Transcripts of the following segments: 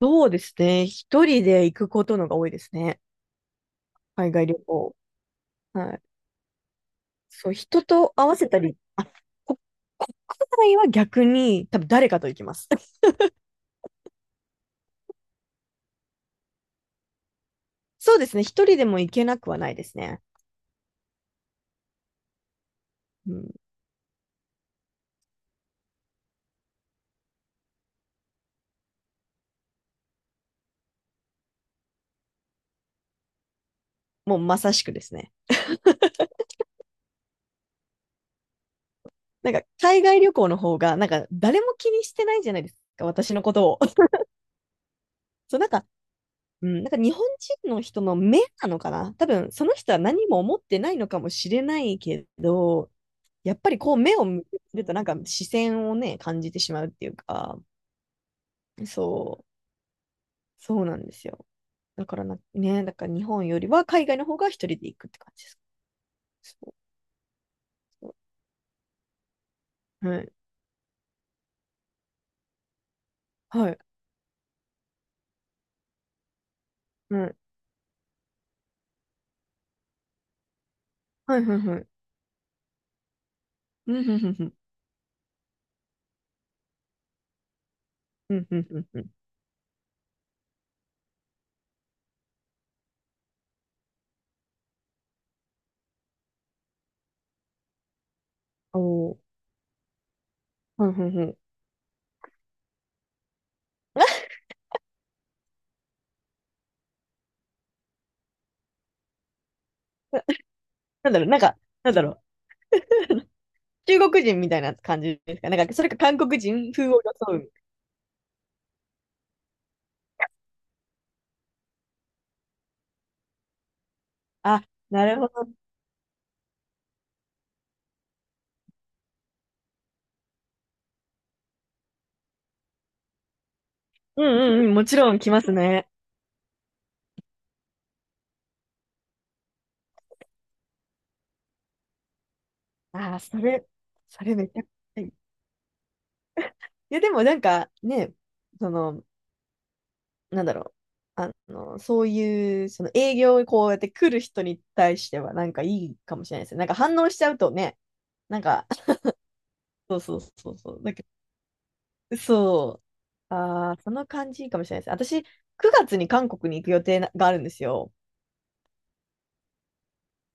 そうですね。一人で行くことのが多いですね。海外旅行。はい。そう、人と合わせたり、あ、こ国内は逆に多分誰かと行きます。そうですね。一人でも行けなくはないですね。うん、もうまさしくですね。なんか海外旅行の方が、なんか誰も気にしてないじゃないですか、私のことを。そう、なんか、うん、なんか日本人の人の目なのかな、多分その人は何も思ってないのかもしれないけど、やっぱりこう目を向けてるとなんか視線をね、感じてしまうっていうか、そう、そうなんですよ。だから日本よりは海外の方が一人で行くって感じです。そうそう。はい。はい。はい。はい。はい。はい。うん、ふんふんふん。うん、ふんふんふん。おー。ふんふんふん。な、なんだろう、なんか、なんだろう。中国人みたいな感じですかなんか、それか韓国人風を装う。あ、なるほど。うんうんうん。もちろん来ますね。ああ、それめちゃくちゃいい。いや、でもなんかね、その、なんだろう。あの、そういう、その営業にこうやって来る人に対しては、なんかいいかもしれないですね。なんか反応しちゃうとね、なんか、そうそうそうそう。だけど、そう。ああ、その感じいいかもしれないです。私、9月に韓国に行く予定ながあるんですよ。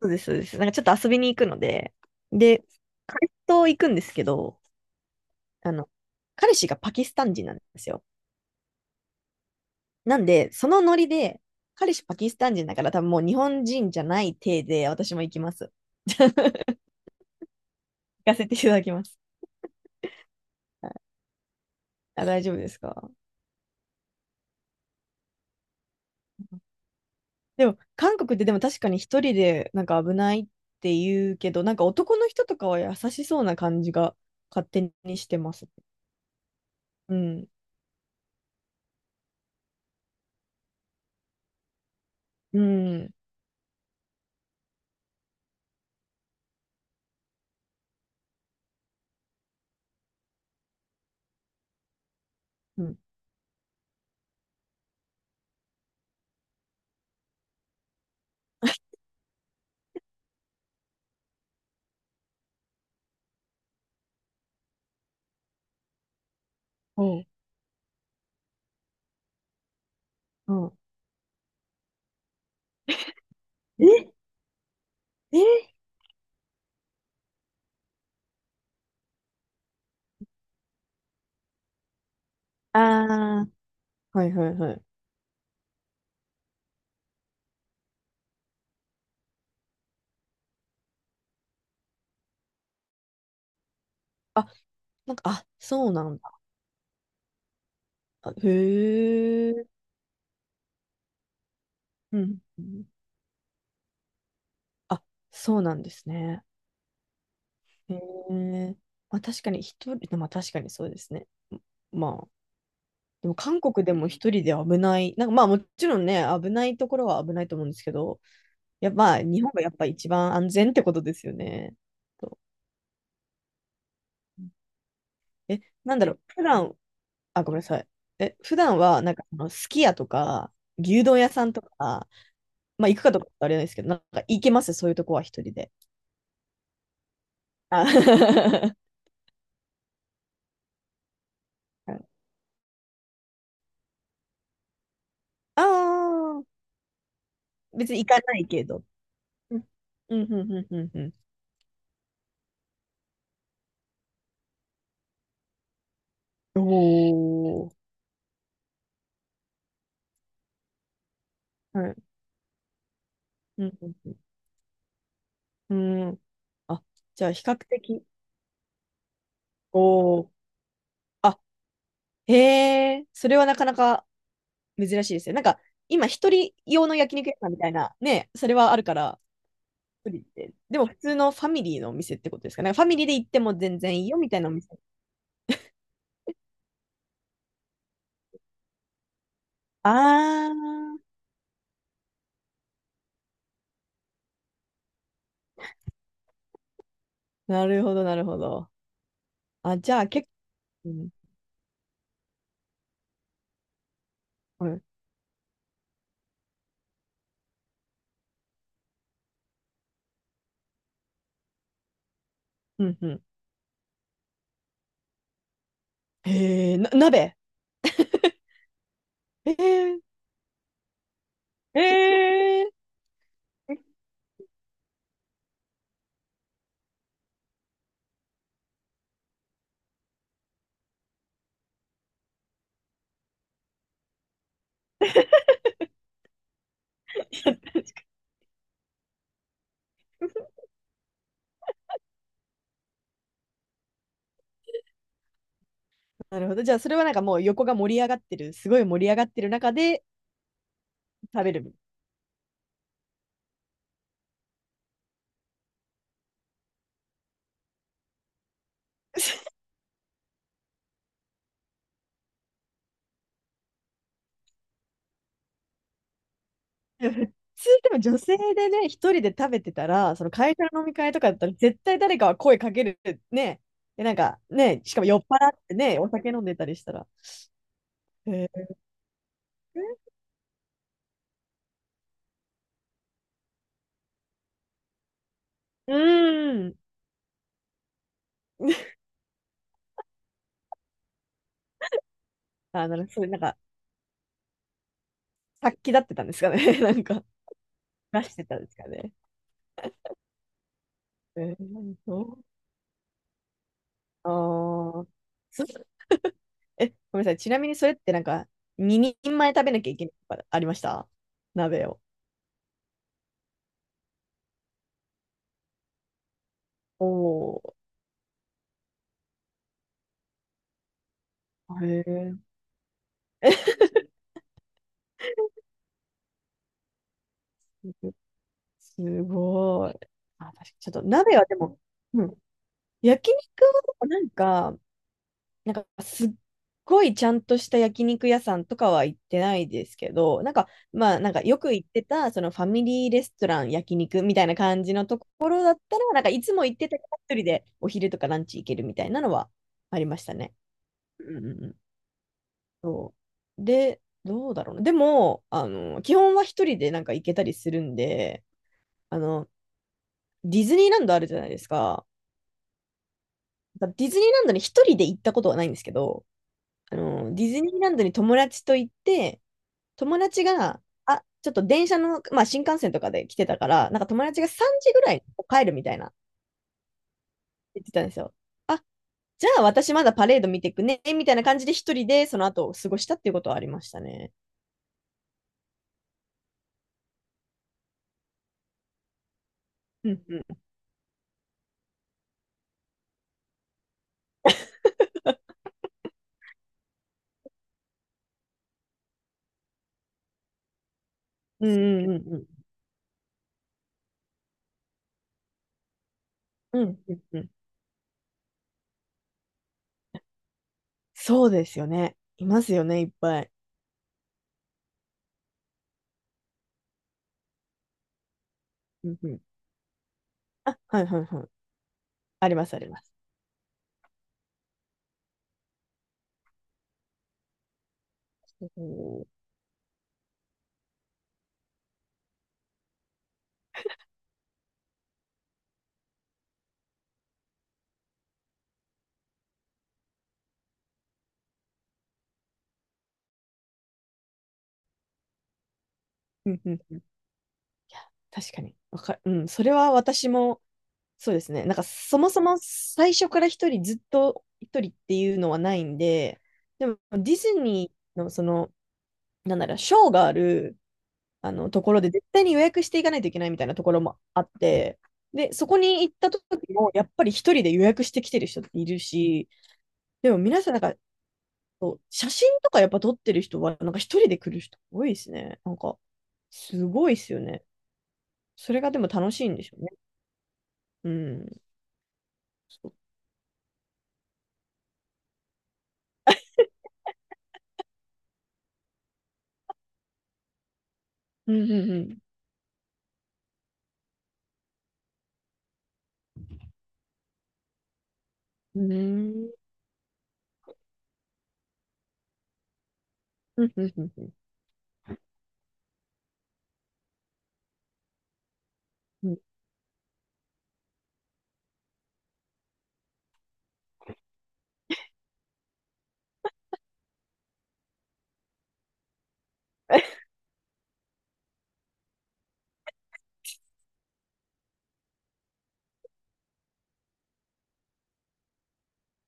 そうです、そうです。なんかちょっと遊びに行くので、で、彼と行くんですけど、あの、彼氏がパキスタン人なんですよ。なんで、そのノリで、彼氏パキスタン人だから多分もう日本人じゃない体で私も行きます。行かせていただきます。はい、あ、大丈夫ですか？でも、韓国ってでも確かに一人でなんか危ないって言うけど、なんか男の人とかは優しそうな感じが勝手にしてます。うん。うん。うん。おう。うん。ええ、ああー、はいはいはい。あ、なんか、あ、そうなんだ。へえ。うん。あ、そうなんですね。へえ。まあ確かに一人、でも確かにそうですね。まあ、でも韓国でも一人で危ない、なんかまあもちろんね、危ないところは危ないと思うんですけど、やっぱまあ日本がやっぱ一番安全ってことですよね。となんだろう、普段、あ、ごめんなさい。普段はなんかあのすき家とか牛丼屋さんとか、まあ行くかとかあれなんですけど、なんか行けますそういうとこは一人で。あ あー、別に行かないけど。うん、うん、うん、うん。うん、おー。はい。うん。うんうん。あ、じゃあ比較的、おー。あ、へえ、それはなかなか珍しいですよ。なんか、今、一人用の焼肉屋さんみたいな、ね、それはあるから、一人で。でも、普通のファミリーのお店ってことですかね。ファミリーで行っても全然いいよ、みたいなお店。あー、なるほど、なるほど。あ、じゃあ、結構、うん、うん、うん。へえ、鍋。へえ、へえ。なるほど。じゃあ、それはなんかもう横が盛り上がってる、すごい盛り上がってる中で食べる。いや、普通でも女性でね、一人で食べてたら、その会社の飲み会とかだったら、絶対誰かは声かけるね。で、なんかね、しかも酔っ払ってね、お酒飲んでたりしたら。へえ、うーん。あ、なるほど。それなんか、殺気立ってたんですかね。なんか、出してたんですかね。えー、そう。ああ、そごめんなさい。ちなみにそれってなんか、2人前食べなきゃいけないとかありました？鍋を。おー、へえ、すごい。あ、確かにちょっと鍋はでも、うん、焼肉はなんか、なんかすっごいちゃんとした焼肉屋さんとかは行ってないですけど、なんか、まあ、なんかよく行ってた、そのファミリーレストラン焼肉みたいな感じのところだったら、なんかいつも行ってたから一人でお昼とかランチ行けるみたいなのはありましたね。うんうんうん、そう。で、どうだろうな。でも、あの、基本は一人でなんか行けたりするんで、あの、ディズニーランドあるじゃないですか。ディズニーランドに一人で行ったことはないんですけど、あの、ディズニーランドに友達と行って、友達が、あ、ちょっと電車の、まあ新幹線とかで来てたから、なんか友達が3時ぐらいに帰るみたいな言ってたんですよ。あ、じゃあ私まだパレード見てくね、みたいな感じで一人でその後を過ごしたっていうことはありましたね。うんうん。うんうんうんうん。うんうんうん、そうですよね。いますよね、いっぱい。うんうん。あ、はいはいはい。あります、あります。そう、うんうんうん。いや、確かに。うん、それは私も、そうですね。なんか、そもそも最初から一人、ずっと一人っていうのはないんで、でも、ディズニーの、その、なんだろう、ショーがある、あの、ところで、絶対に予約していかないといけないみたいなところもあって、で、そこに行った時も、やっぱり一人で予約してきてる人っているし、でも皆さんなんか、そう、写真とかやっぱ撮ってる人は、なんか一人で来る人多いですね。なんか、すごいですよね。それがでも楽しいんでしょうね。うん。そう。うん、うん、うん。うん、うん、うん、うん。うん、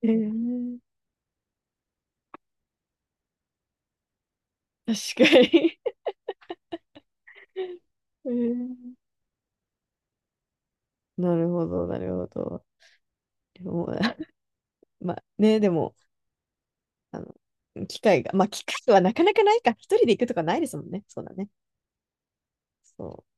えー、確かに。 えー、なるほど、なるほど。でも、まあね、でも、あの、機会が、まあ機会はなかなかないか、一人で行くとかないですもんね。そうだね。そう。